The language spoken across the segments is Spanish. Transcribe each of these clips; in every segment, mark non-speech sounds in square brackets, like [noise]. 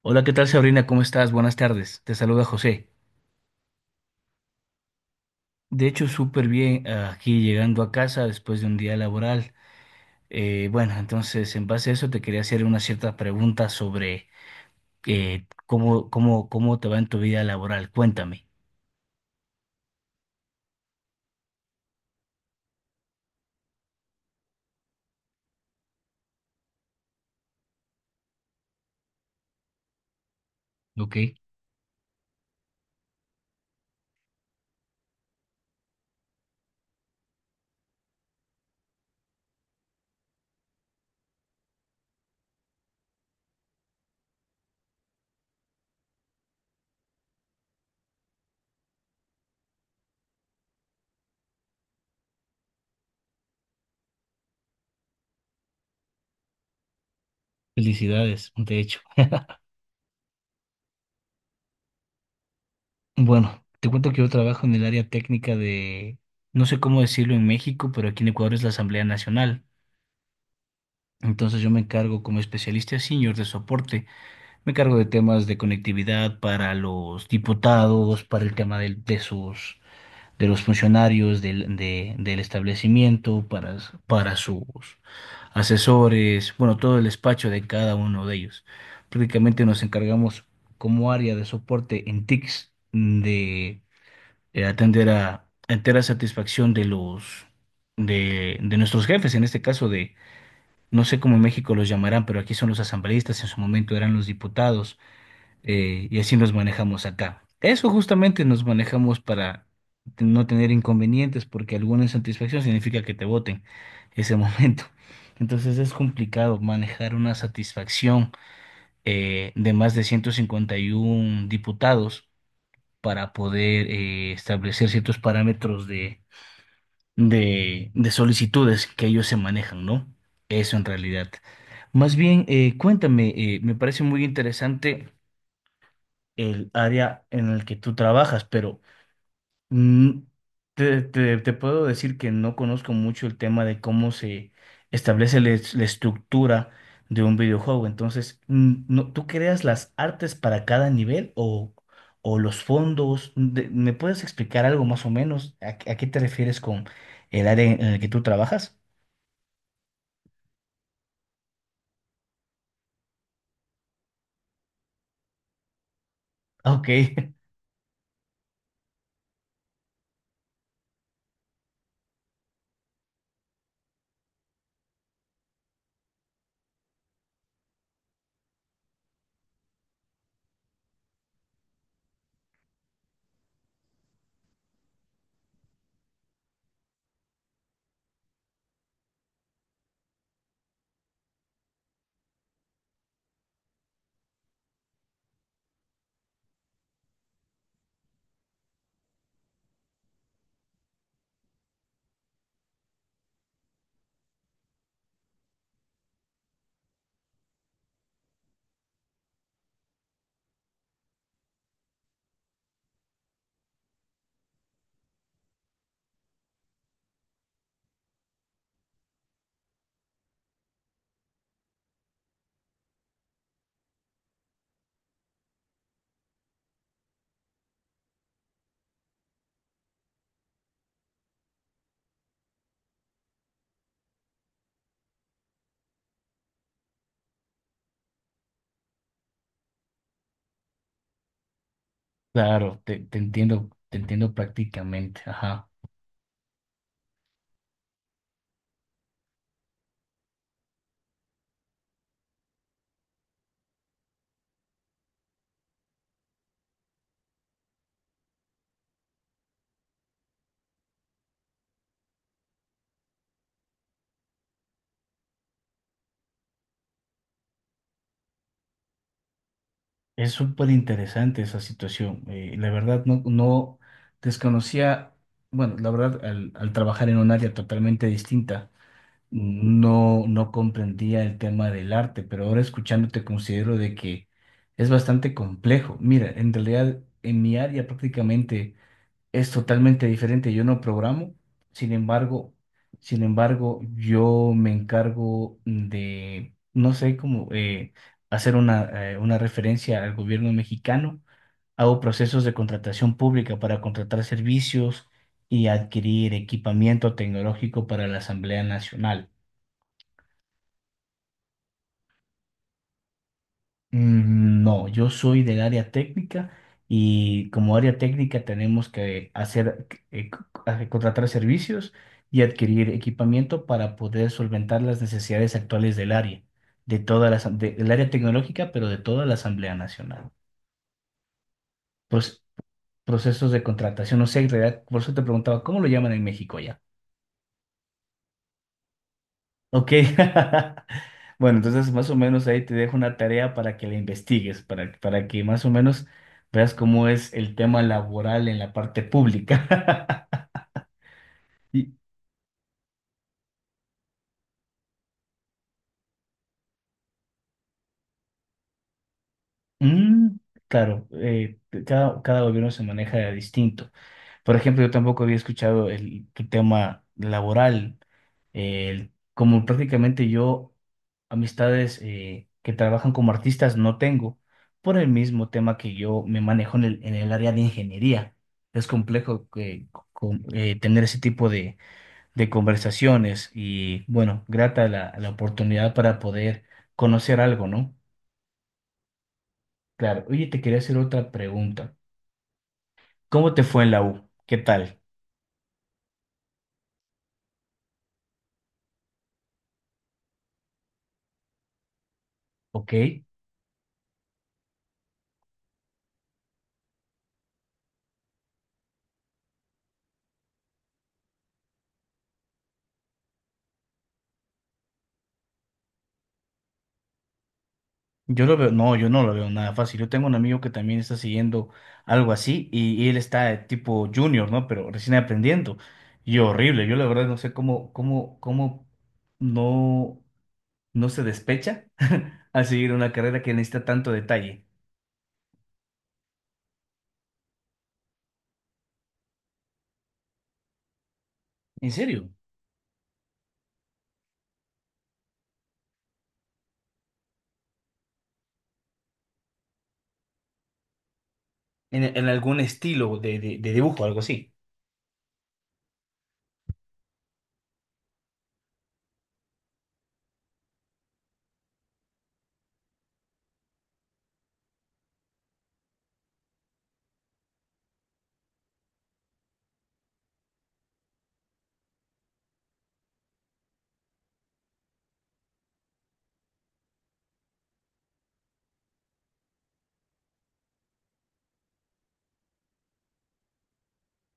Hola, ¿qué tal Sabrina? ¿Cómo estás? Buenas tardes. Te saluda José. De hecho, súper bien aquí llegando a casa después de un día laboral. Bueno, entonces en base a eso te quería hacer una cierta pregunta sobre cómo te va en tu vida laboral. Cuéntame. Ok. Felicidades, de hecho. Bueno, te cuento que yo trabajo en el área técnica de, no sé cómo decirlo en México, pero aquí en Ecuador es la Asamblea Nacional. Entonces yo me encargo como especialista senior de soporte. Me cargo de temas de conectividad para los diputados, para el tema de sus, de los funcionarios del establecimiento, para sus asesores, bueno, todo el despacho de cada uno de ellos. Prácticamente nos encargamos como área de soporte en TICS de atender a entera satisfacción de los de nuestros jefes, en este caso de, no sé cómo en México los llamarán, pero aquí son los asambleístas, en su momento eran los diputados, y así nos manejamos acá. Eso justamente nos manejamos para no tener inconvenientes, porque alguna insatisfacción significa que te voten ese [laughs] momento. Entonces es complicado manejar una satisfacción de más de 151 diputados para poder establecer ciertos parámetros de solicitudes que ellos se manejan, ¿no? Eso en realidad. Más bien, cuéntame, me parece muy interesante el área en el que tú trabajas, pero mm, te puedo decir que no conozco mucho el tema de cómo se establece la estructura de un videojuego. Entonces, no, ¿tú creas las artes para cada nivel o los fondos? Me puedes explicar algo más o menos? A qué te refieres con el área en el que tú trabajas? Ah, ok, [laughs] claro, te entiendo prácticamente. Ajá. Es súper interesante esa situación. La verdad, no, no desconocía, bueno, la verdad, al trabajar en un área totalmente distinta, no, no comprendía el tema del arte, pero ahora escuchándote considero de que es bastante complejo. Mira, en realidad, en mi área prácticamente es totalmente diferente. Yo no programo, sin embargo, sin embargo, yo me encargo de, no sé cómo, hacer una referencia al gobierno mexicano. Hago procesos de contratación pública para contratar servicios y adquirir equipamiento tecnológico para la Asamblea Nacional. No, yo soy del área técnica y como área técnica tenemos que hacer, contratar servicios y adquirir equipamiento para poder solventar las necesidades actuales del área, de toda del área tecnológica, pero de toda la Asamblea Nacional. Pues procesos de contratación, no sé, en realidad, por eso te preguntaba, ¿cómo lo llaman en México ya? Ok. [laughs] Bueno, entonces más o menos ahí te dejo una tarea para que la investigues, para que más o menos veas cómo es el tema laboral en la parte pública. [laughs] Y, mm, claro, cada gobierno se maneja distinto. Por ejemplo, yo tampoco había escuchado el, tu tema laboral. Como prácticamente yo amistades que trabajan como artistas no tengo, por el mismo tema que yo me manejo en el área de ingeniería. Es complejo que, tener ese tipo de conversaciones y bueno, grata la oportunidad para poder conocer algo, ¿no? Claro, oye, te quería hacer otra pregunta. ¿Cómo te fue en la U? ¿Qué tal? ¿Ok? Yo lo veo, no, yo no lo veo nada fácil. Yo tengo un amigo que también está siguiendo algo así y él está de tipo junior, ¿no? Pero recién aprendiendo. Y horrible, yo la verdad no sé cómo no, no se despecha [laughs] al seguir una carrera que necesita tanto detalle. En serio, en algún estilo de dibujo, algo así.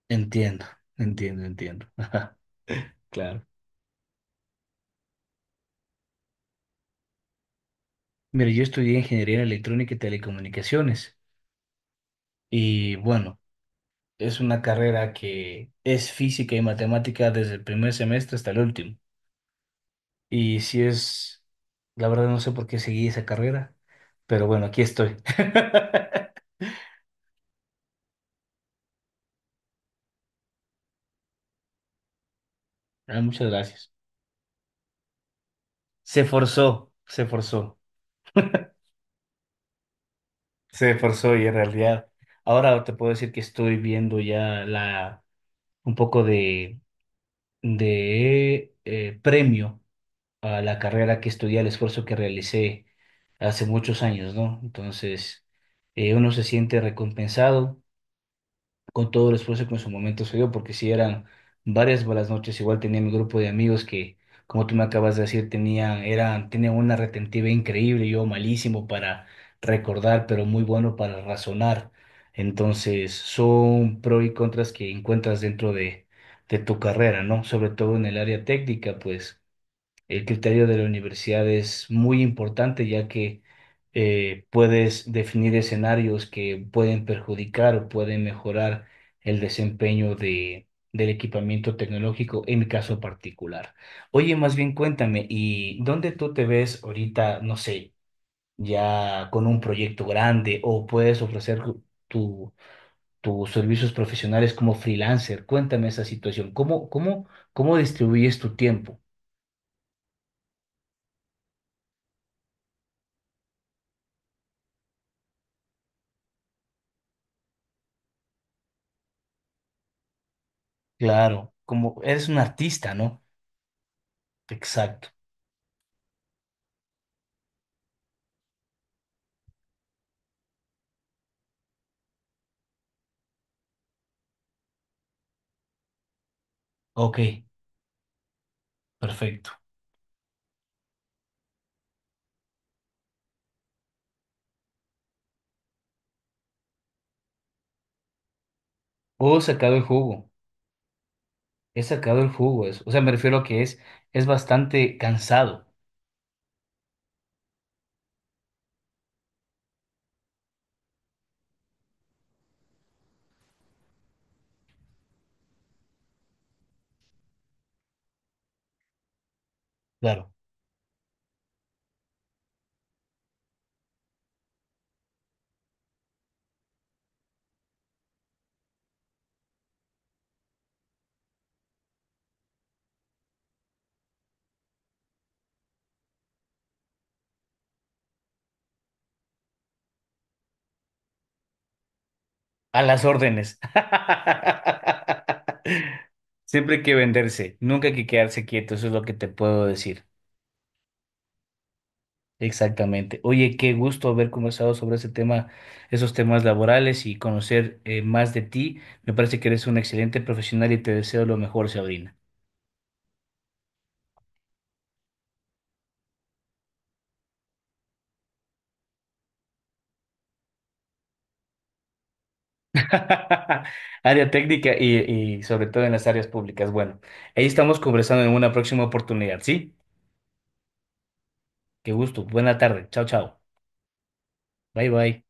Entiendo, entiendo, entiendo. [laughs] Ajá, claro. Mira, yo estudié ingeniería electrónica y telecomunicaciones y bueno. Es una carrera que es física y matemática desde el primer semestre hasta el último. Y si es, la verdad no sé por qué seguí esa carrera, pero bueno, aquí estoy. [laughs] Ah, muchas gracias. Se forzó, se forzó, se forzó y en realidad ahora te puedo decir que estoy viendo ya la un poco de, premio a la carrera que estudié, al esfuerzo que realicé hace muchos años, ¿no? Entonces, uno se siente recompensado con todo el esfuerzo que en su momento se dio, porque si eran varias malas noches, igual tenía mi grupo de amigos que, como tú me acabas de decir, tenían, eran, tenían una retentiva increíble, yo malísimo para recordar, pero muy bueno para razonar. Entonces, son pros y contras que encuentras dentro de tu carrera, ¿no? Sobre todo en el área técnica, pues. El criterio de la universidad es muy importante ya que puedes definir escenarios que pueden perjudicar o pueden mejorar el desempeño del equipamiento tecnológico en mi caso particular. Oye, más bien cuéntame, ¿y dónde tú te ves ahorita, no sé, ya con un proyecto grande o puedes ofrecer tu, tus servicios profesionales como freelancer? Cuéntame esa situación. Cómo distribuyes tu tiempo? Claro, como eres un artista, ¿no? Exacto. Ok, perfecto. He sacado el jugo. He sacado el jugo. O sea, me refiero a que es bastante cansado. Claro. A las órdenes. [laughs] Siempre hay que venderse, nunca hay que quedarse quieto, eso es lo que te puedo decir. Exactamente. Oye, qué gusto haber conversado sobre ese tema, esos temas laborales y conocer más de ti. Me parece que eres un excelente profesional y te deseo lo mejor, Sabrina. [laughs] Área técnica y sobre todo en las áreas públicas. Bueno, ahí estamos conversando en una próxima oportunidad, ¿sí? Qué gusto. Buena tarde. Chao, chao. Bye, bye.